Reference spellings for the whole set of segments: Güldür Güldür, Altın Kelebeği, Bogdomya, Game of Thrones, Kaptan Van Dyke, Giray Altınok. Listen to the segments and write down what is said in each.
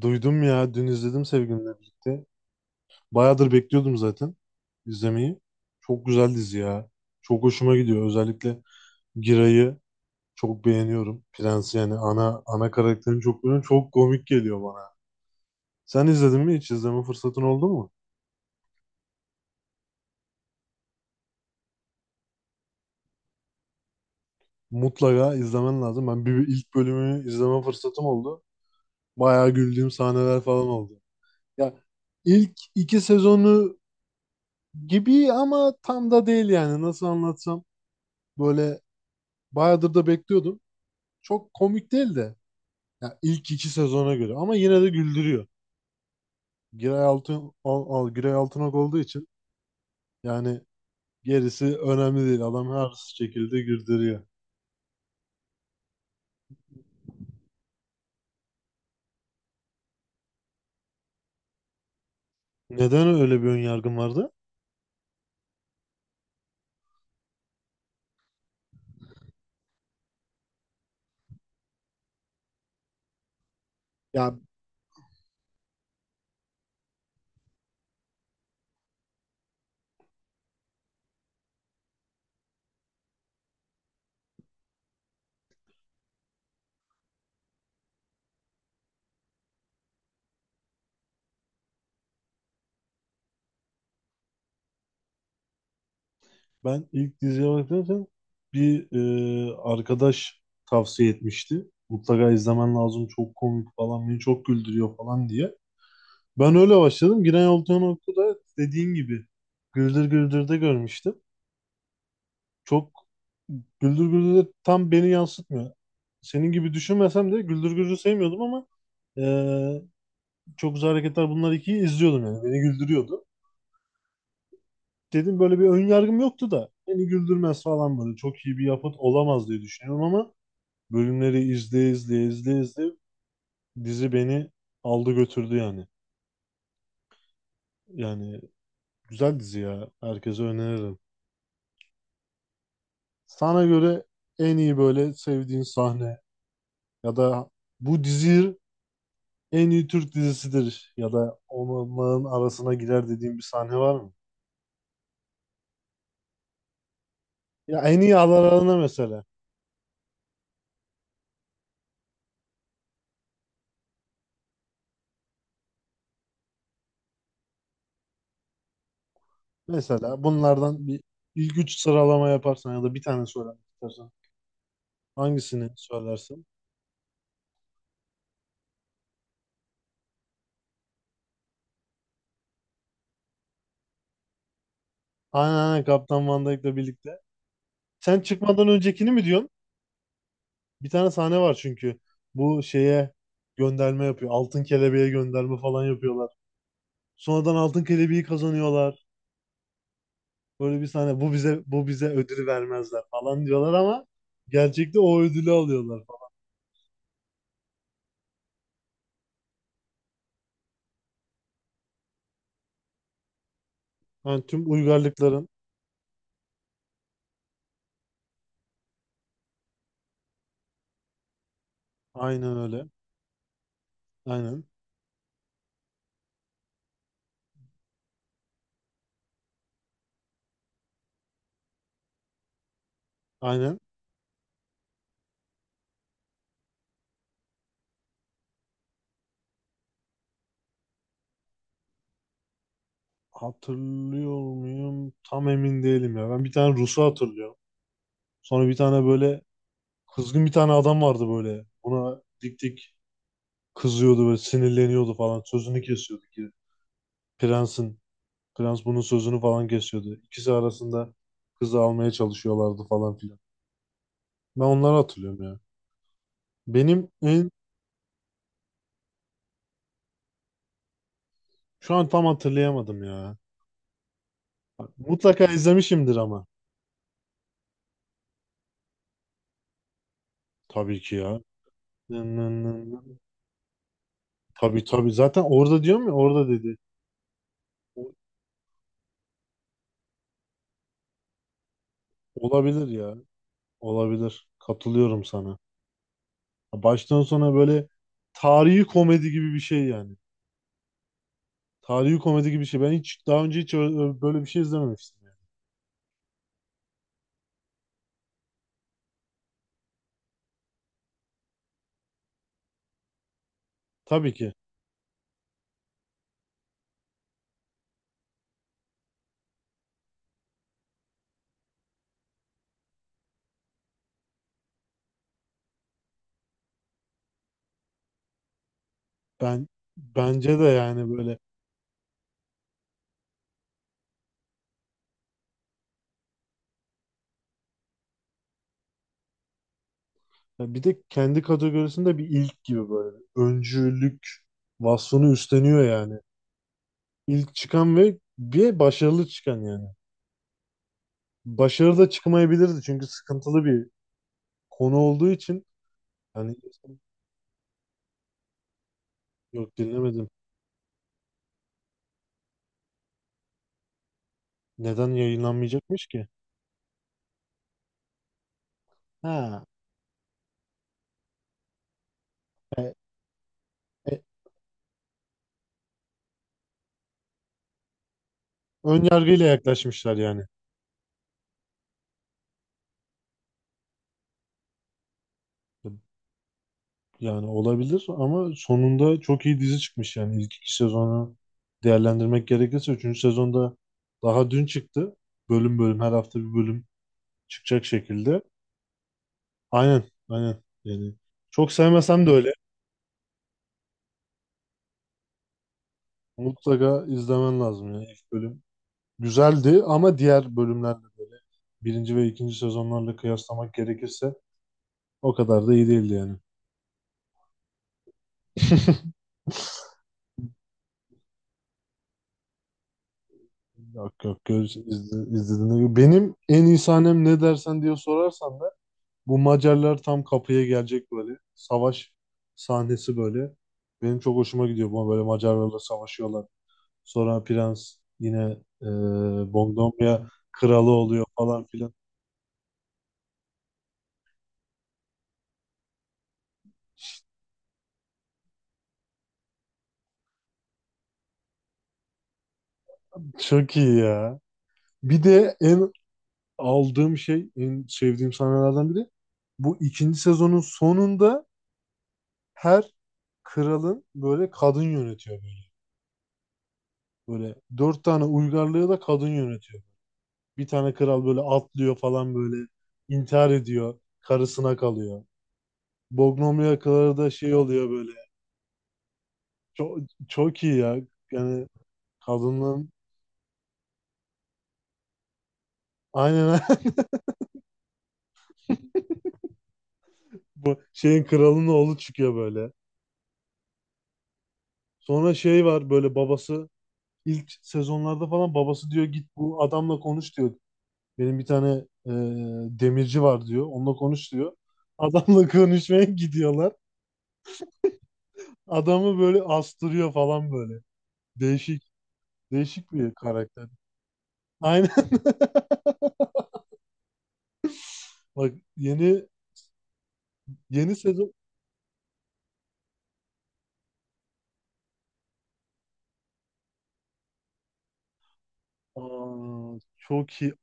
Duydum ya. Dün izledim sevgilimle birlikte. Bayağıdır bekliyordum zaten izlemeyi. Çok güzel dizi ya. Çok hoşuma gidiyor. Özellikle Giray'ı çok beğeniyorum. Prens yani ana karakterini çok beğeniyorum. Çok komik geliyor bana. Sen izledin mi hiç? İzleme fırsatın oldu mu? Mutlaka izlemen lazım. Ben bir ilk bölümü izleme fırsatım oldu. Bayağı güldüğüm sahneler falan oldu. Ya ilk iki sezonu gibi ama tam da değil yani. Nasıl anlatsam böyle, bayağıdır da bekliyordum. Çok komik değil de ya, ilk iki sezona göre, ama yine de güldürüyor. Giray Altınok olduğu için yani, gerisi önemli değil. Adam her şekilde güldürüyor. Neden öyle bir ön yargın vardı? Ya, ben ilk diziye bakarken bir arkadaş tavsiye etmişti. Mutlaka izlemen lazım, çok komik falan, beni çok güldürüyor falan diye. Ben öyle başladım. Giray Altınok'u da dediğin gibi Güldür Güldür'de görmüştüm. Çok Güldür Güldür de tam beni yansıtmıyor. Senin gibi düşünmesem de Güldür Güldür'ü sevmiyordum ama eee, çok güzel hareketler bunlar ikiyi izliyordum yani. Beni güldürüyordu. Dedim böyle bir ön yargım yoktu da beni güldürmez falan böyle. Çok iyi bir yapıt olamaz diye düşünüyorum ama bölümleri izleye izleye dizi beni aldı götürdü yani. Yani güzel dizi ya. Herkese öneririm. Sana göre en iyi böyle sevdiğin sahne ya da bu diziyi en iyi Türk dizisidir ya da onların arasına girer dediğim bir sahne var mı? Ya en iyi aralarına mesela. Mesela bunlardan bir ilk üç sıralama yaparsan ya da bir tane söylemek istersen. Hangisini söylersin? Aynen, Kaptan Van Dyke'le birlikte. Sen çıkmadan öncekini mi diyorsun? Bir tane sahne var çünkü. Bu şeye gönderme yapıyor. Altın kelebeğe gönderme falan yapıyorlar. Sonradan altın kelebeği kazanıyorlar. Böyle bir sahne, bu bize ödülü vermezler falan diyorlar ama gerçekte o ödülü alıyorlar falan. Yani tüm uygarlıkların aynen öyle. Aynen. Aynen. Hatırlıyor muyum? Tam emin değilim ya. Ben bir tane Rus'u hatırlıyorum. Sonra bir tane böyle kızgın bir tane adam vardı böyle. Buna dik dik kızıyordu böyle, sinirleniyordu falan. Sözünü kesiyordu ki prensin. Prens bunun sözünü falan kesiyordu. İkisi arasında kızı almaya çalışıyorlardı falan filan. Ben onları hatırlıyorum ya. Benim en Şu an tam hatırlayamadım ya. Mutlaka izlemişimdir ama. Tabii ki ya. Nın nın nın nın. Tabii tabii. Zaten orada diyorum ya, orada dedi. O- Olabilir ya. Olabilir. Katılıyorum sana. Baştan sona böyle tarihi komedi gibi bir şey yani. Tarihi komedi gibi bir şey. Ben hiç daha önce hiç böyle bir şey izlememiştim yani. Tabii ki. Ben Bence de yani böyle, ya bir de kendi kategorisinde bir ilk gibi böyle öncülük vasfını üstleniyor yani. İlk çıkan ve bir başarılı çıkan yani. Başarılı da çıkmayabilirdi çünkü sıkıntılı bir konu olduğu için. Hani yok, dinlemedim. Neden yayınlanmayacakmış ki? Ha, ön yargıyla yaklaşmışlar yani. Yani olabilir ama sonunda çok iyi dizi çıkmış yani. İlk iki sezonu değerlendirmek gerekirse, üçüncü sezonda daha dün çıktı. Bölüm bölüm, her hafta bir bölüm çıkacak şekilde. Aynen, yani çok sevmesem de öyle, mutlaka izlemen lazım yani. İlk bölüm güzeldi ama diğer bölümlerle böyle, birinci ve ikinci sezonlarla kıyaslamak gerekirse o kadar da iyi değildi yani. Yok, göz izlediğinde gibi. Benim en iyi sahnem ne dersen diye sorarsan da bu Macarlar tam kapıya gelecek böyle. Savaş sahnesi böyle. Benim çok hoşuma gidiyor. Bu böyle Macarlarla savaşıyorlar. Sonra prens yine e, Bogdomya kralı oluyor falan filan. Çok iyi ya. Bir de en Aldığım şey, en sevdiğim sahnelerden biri, bu ikinci sezonun sonunda her kralın böyle kadın yönetiyor böyle. Böyle dört tane uygarlığı da kadın yönetiyor. Bir tane kral böyle atlıyor falan böyle, intihar ediyor. Karısına kalıyor. Bognomya kralı da şey oluyor böyle. Çok, Çok iyi ya. Yani kadının aynen bu şeyin kralının oğlu çıkıyor böyle. Sonra şey var böyle, babası ilk sezonlarda falan babası diyor git bu adamla konuş diyor. Benim bir tane e, demirci var diyor. Onunla konuş diyor. Adamla konuşmaya gidiyorlar. Adamı böyle astırıyor falan böyle. Değişik, Değişik bir karakter. Aynen. Bak yeni sezon. Aa, çok iyi,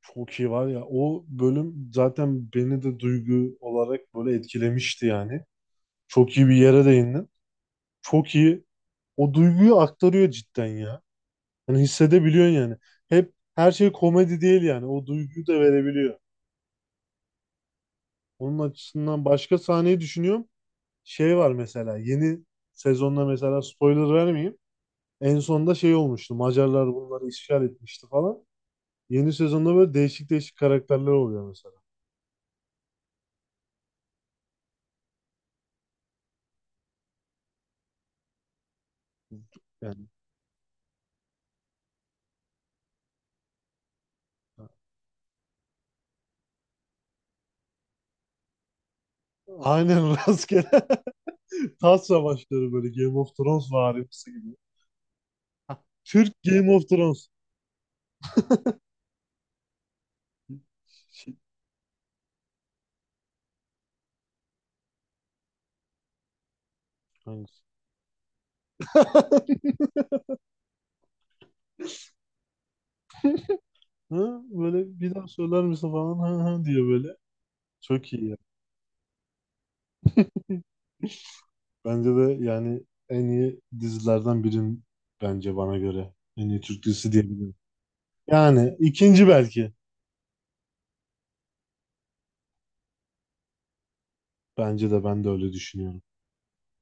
çok iyi var ya. O bölüm zaten beni de duygu olarak böyle etkilemişti yani. Çok iyi bir yere değindin. Çok iyi. O duyguyu aktarıyor cidden ya. Yani hissedebiliyorsun yani. Hep her şey komedi değil yani. O duyguyu da verebiliyor. Onun açısından başka sahneyi düşünüyorum. Şey var mesela yeni sezonda, mesela spoiler vermeyeyim. En sonda şey olmuştu. Macarlar bunları işgal etmişti falan. Yeni sezonda böyle değişik karakterler oluyor mesela. Yani aynen rastgele tas savaşları böyle Game of Thrones varimsi gibi. Türk Game of Thrones. Şey, hangisi? Hı? Böyle bir daha söyler misin falan, hı hı diye böyle. Çok iyi ya. Bence de yani en iyi dizilerden birin, bence bana göre. En iyi Türk dizisi diyebilirim. Yani ikinci belki. Bence de, ben de öyle düşünüyorum.